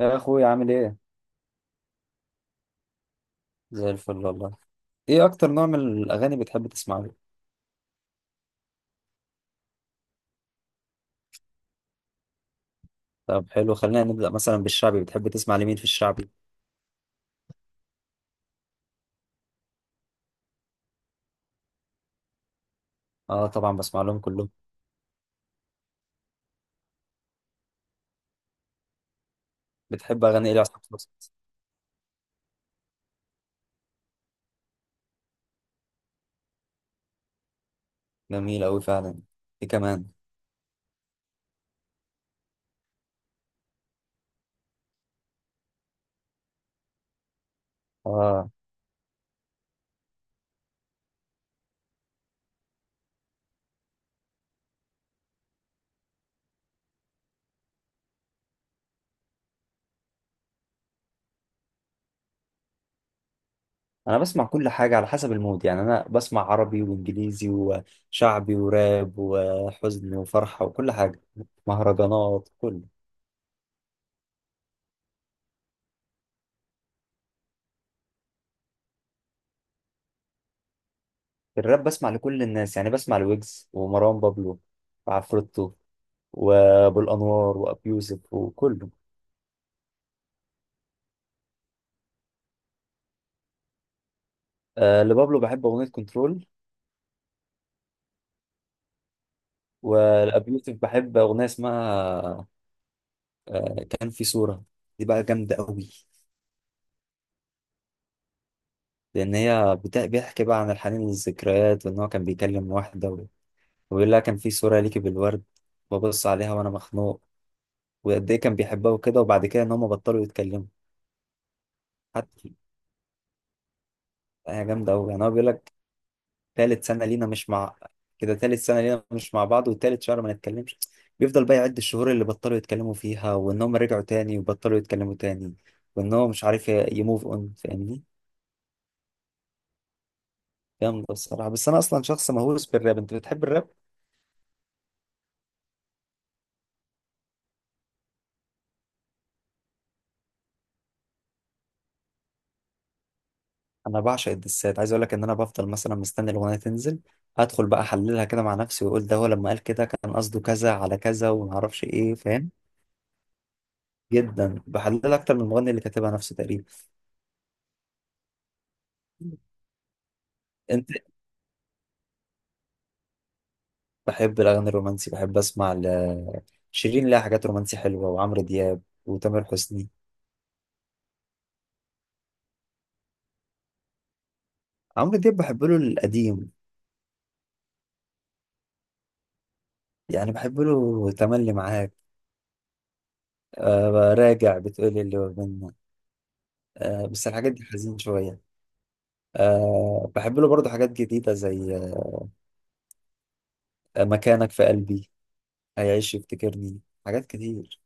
يا اخوي، عامل ايه؟ زي الفل والله. ايه اكتر نوع من الاغاني بتحب تسمعه؟ طب حلو، خلينا نبدا مثلا بالشعبي. بتحب تسمع لمين في الشعبي؟ اه طبعا بسمع لهم كلهم. بتحب اغاني ايه لعصام صاصا؟ جميل قوي فعلا. ايه كمان؟ اه انا بسمع كل حاجه على حسب المود، يعني انا بسمع عربي وانجليزي وشعبي وراب وحزن وفرحه وكل حاجه. مهرجانات، كله. في الراب بسمع لكل الناس، يعني بسمع لويجز ومروان بابلو وعفروتو وابو الانوار وابيوسف وكله. آه، لبابلو بحب أغنية كنترول. ولأبي يوسف بحب أغنية اسمها كان في صورة. دي بقى جامدة قوي. لأن هي بيحكي بقى عن الحنين للذكريات، وإن هو كان بيكلم واحدة وبيقول لها كان في صورة ليكي بالورد، ببص عليها وأنا مخنوق، وقد إيه كان بيحبها وكده، وبعد كده إن هما بطلوا يتكلموا. حتى، هي جامدة قوي، يعني هو بيقول لك: تالت سنة لينا مش مع، كده تالت سنة لينا مش مع بعض وتالت شهر ما نتكلمش. بيفضل بقى يعد الشهور اللي بطلوا يتكلموا فيها، وانهم رجعوا تاني وبطلوا يتكلموا تاني، وانهم مش عارف يموف اون، فاهمني؟ جامدة الصراحة. بس انا اصلا شخص مهووس بالراب. انت بتحب الراب؟ انا بعشق الدسات، عايز اقول لك ان انا بفضل مثلا مستني الاغنية تنزل، ادخل بقى احللها كده مع نفسي واقول ده هو لما قال كده كان قصده كذا على كذا وما اعرفش ايه، فاهم؟ جدا بحللها اكتر من المغني اللي كاتبها نفسه تقريبا. بحب الأغاني الرومانسي. بحب أسمع شيرين، لها حاجات رومانسي حلوة، وعمرو دياب وتامر حسني. عمرو دياب بحب له القديم. يعني بحب له تملي معاك. أه، راجع بتقولي اللي هو منا. أه، بس الحاجات دي حزين شوية. أه، بحب له برضه حاجات جديدة زي مكانك في قلبي، هيعيش يفتكرني، حاجات كتير.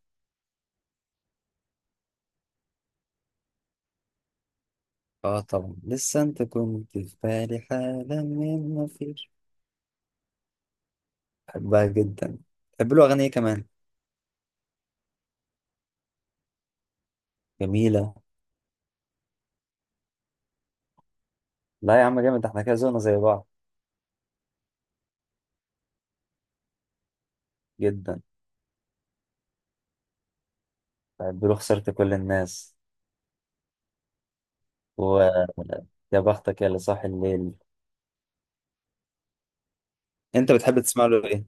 اه طبعا، لسه انت كنت في بالي حالا من ما فيش. بحبها جدا. بحب له أغاني إيه كمان؟ جميلة. لا يا عم جامد، احنا كده زونا زي بعض. جدا. بيقولوا خسرت كل الناس. ويا بختك يا اللي صاحي الليل. انت بتحب تسمع له ايه؟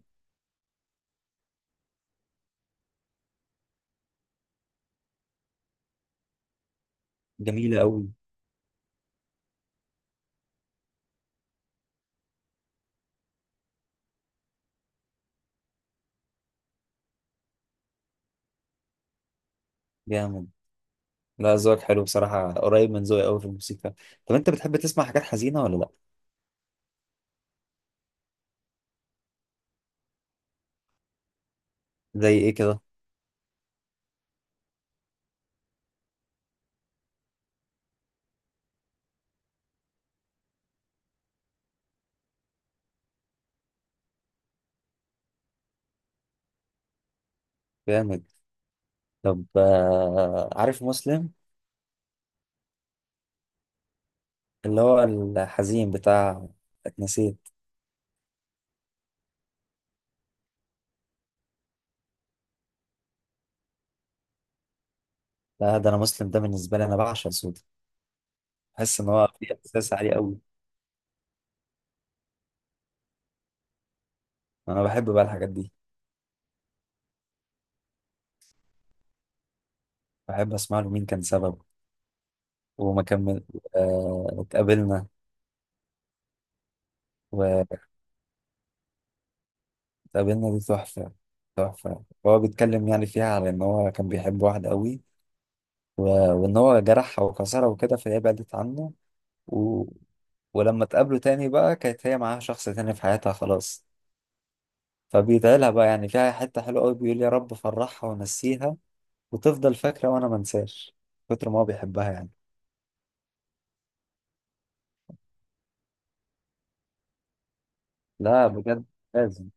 جميلة قوي. جامد. لا، ذوقك حلو بصراحة، قريب من ذوقي قوي في الموسيقى. طب انت بتحب تسمع حاجات حزينة ولا لا؟ زي ايه كده؟ جامد. طب، عارف مسلم؟ اللي هو الحزين بتاع اتنسيت. لا، ده انا مسلم ده بالنسبة لي انا بعشق صوته. بحس ان هو في احساس عالي قوي. انا بحب بقى الحاجات دي. بحب اسمع له مين كان سبب، وما كمل، اتقابلنا. واتقابلنا دي تحفة. تحفة. هو بيتكلم يعني فيها على إن هو كان بيحب واحدة قوي، و... وإن هو جرحها وكسرها وكده، فهي بعدت عنه، و... ولما اتقابلوا تاني بقى كانت هي معاها شخص تاني في حياتها خلاص. فبيدعيلها بقى، يعني فيها حتة حلوة قوي، بيقول: يا رب فرحها ونسيها، وتفضل فاكرة وأنا منساش، كتر ما هو بيحبها يعني. لا بجد. لازم.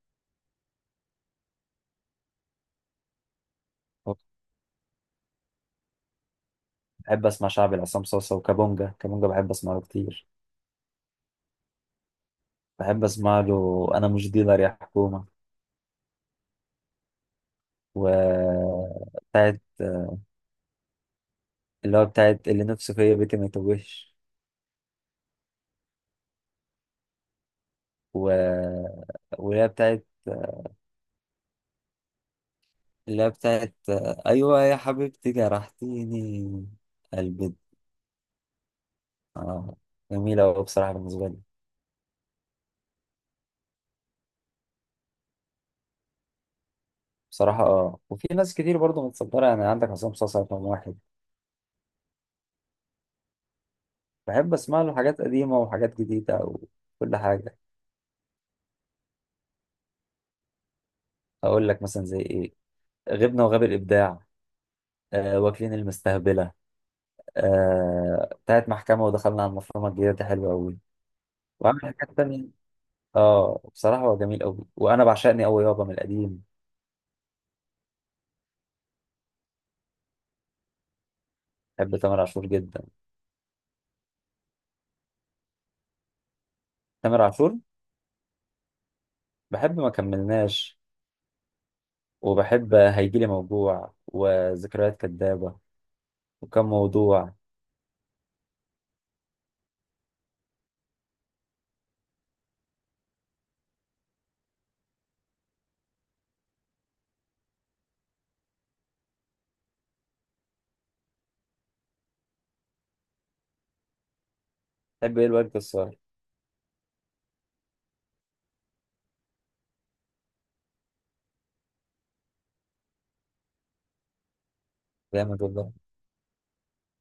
بحب أسمع شعبي لعصام صوصة وكابونجا كابونجا، بحب أسمعه كتير. بحب أسمع له أنا مش ديلر يا حكومة. وبتاعت اللي هو بتاعت اللي نفسه فيا بيتي ما يتوهش، و... واللي هي بتاعت، اللي هي بتاعت أيوة يا حبيبتي جرحتيني قلبي. آه. جميلة أوي بصراحة بالنسبة لي. بصراحة وفي ناس كتير برضه متصدرة، يعني عندك عصام صاصا رقم واحد. بحب أسمع له حاجات قديمة وحاجات جديدة وكل حاجة. أقول لك مثلا زي إيه. غبنا وغاب الإبداع. واكلين المستهبلة. بتاعت محكمة. ودخلنا على المفرمة الجديدة دي حلوة أوي. وعامل حاجات تانية. اه بصراحة هو جميل قوي، وانا بعشقني قوي يابا من القديم. بحب تامر عاشور جدا. تامر عاشور، بحب ما كملناش، وبحب هيجيلي موجوع وذكريات كدابة، وكم موضوع. بحب ايه الواد الصغير. جامد والله.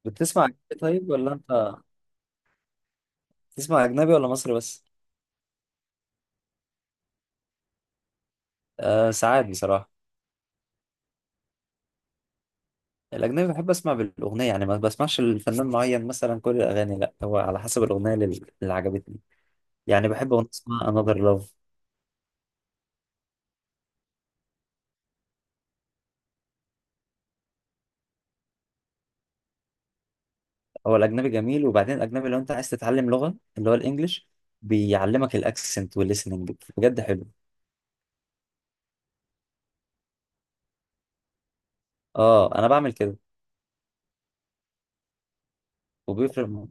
بتسمع أجنبي طيب، ولا انت بتسمع اجنبي ولا مصري بس؟ آه ساعات بصراحة. الأجنبي بحب أسمع بالأغنية، يعني ما بسمعش الفنان معين مثلا كل الأغاني، لا، هو على حسب الأغنية اللي عجبتني. يعني بحب أغنية اسمها Another Love. هو الاجنبي جميل، وبعدين الاجنبي لو انت عايز تتعلم لغه اللي هو الانجليش، بيعلمك الاكسنت والليسننج بجد حلو. اه انا بعمل كده. وبيفرق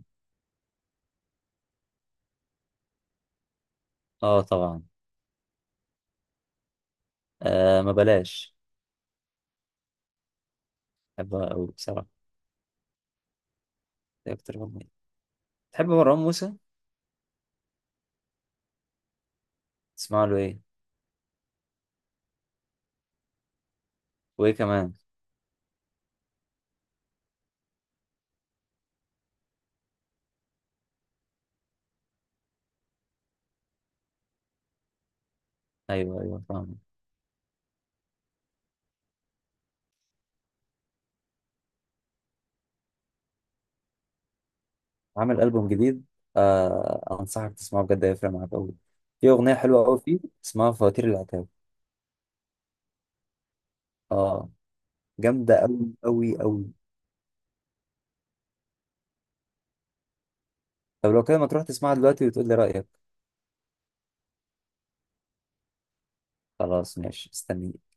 اه طبعا. آه ما بلاش. بحبها قوي بصراحه. دي اكتر اغنيه. تحب مروان موسى؟ تسمع له ايه؟ وايه كمان؟ ايوه ايوه، فاهم. عامل البوم جديد. آه انصحك تسمعه بجد هيفرق معاك قوي. في اغنيه حلوه قوي فيه، اسمها فواتير العتاب. اه. جامده قوي قوي قوي. طب لو كده ما تروح تسمعها دلوقتي وتقول لي رايك. خلاص ماشي، استنيك.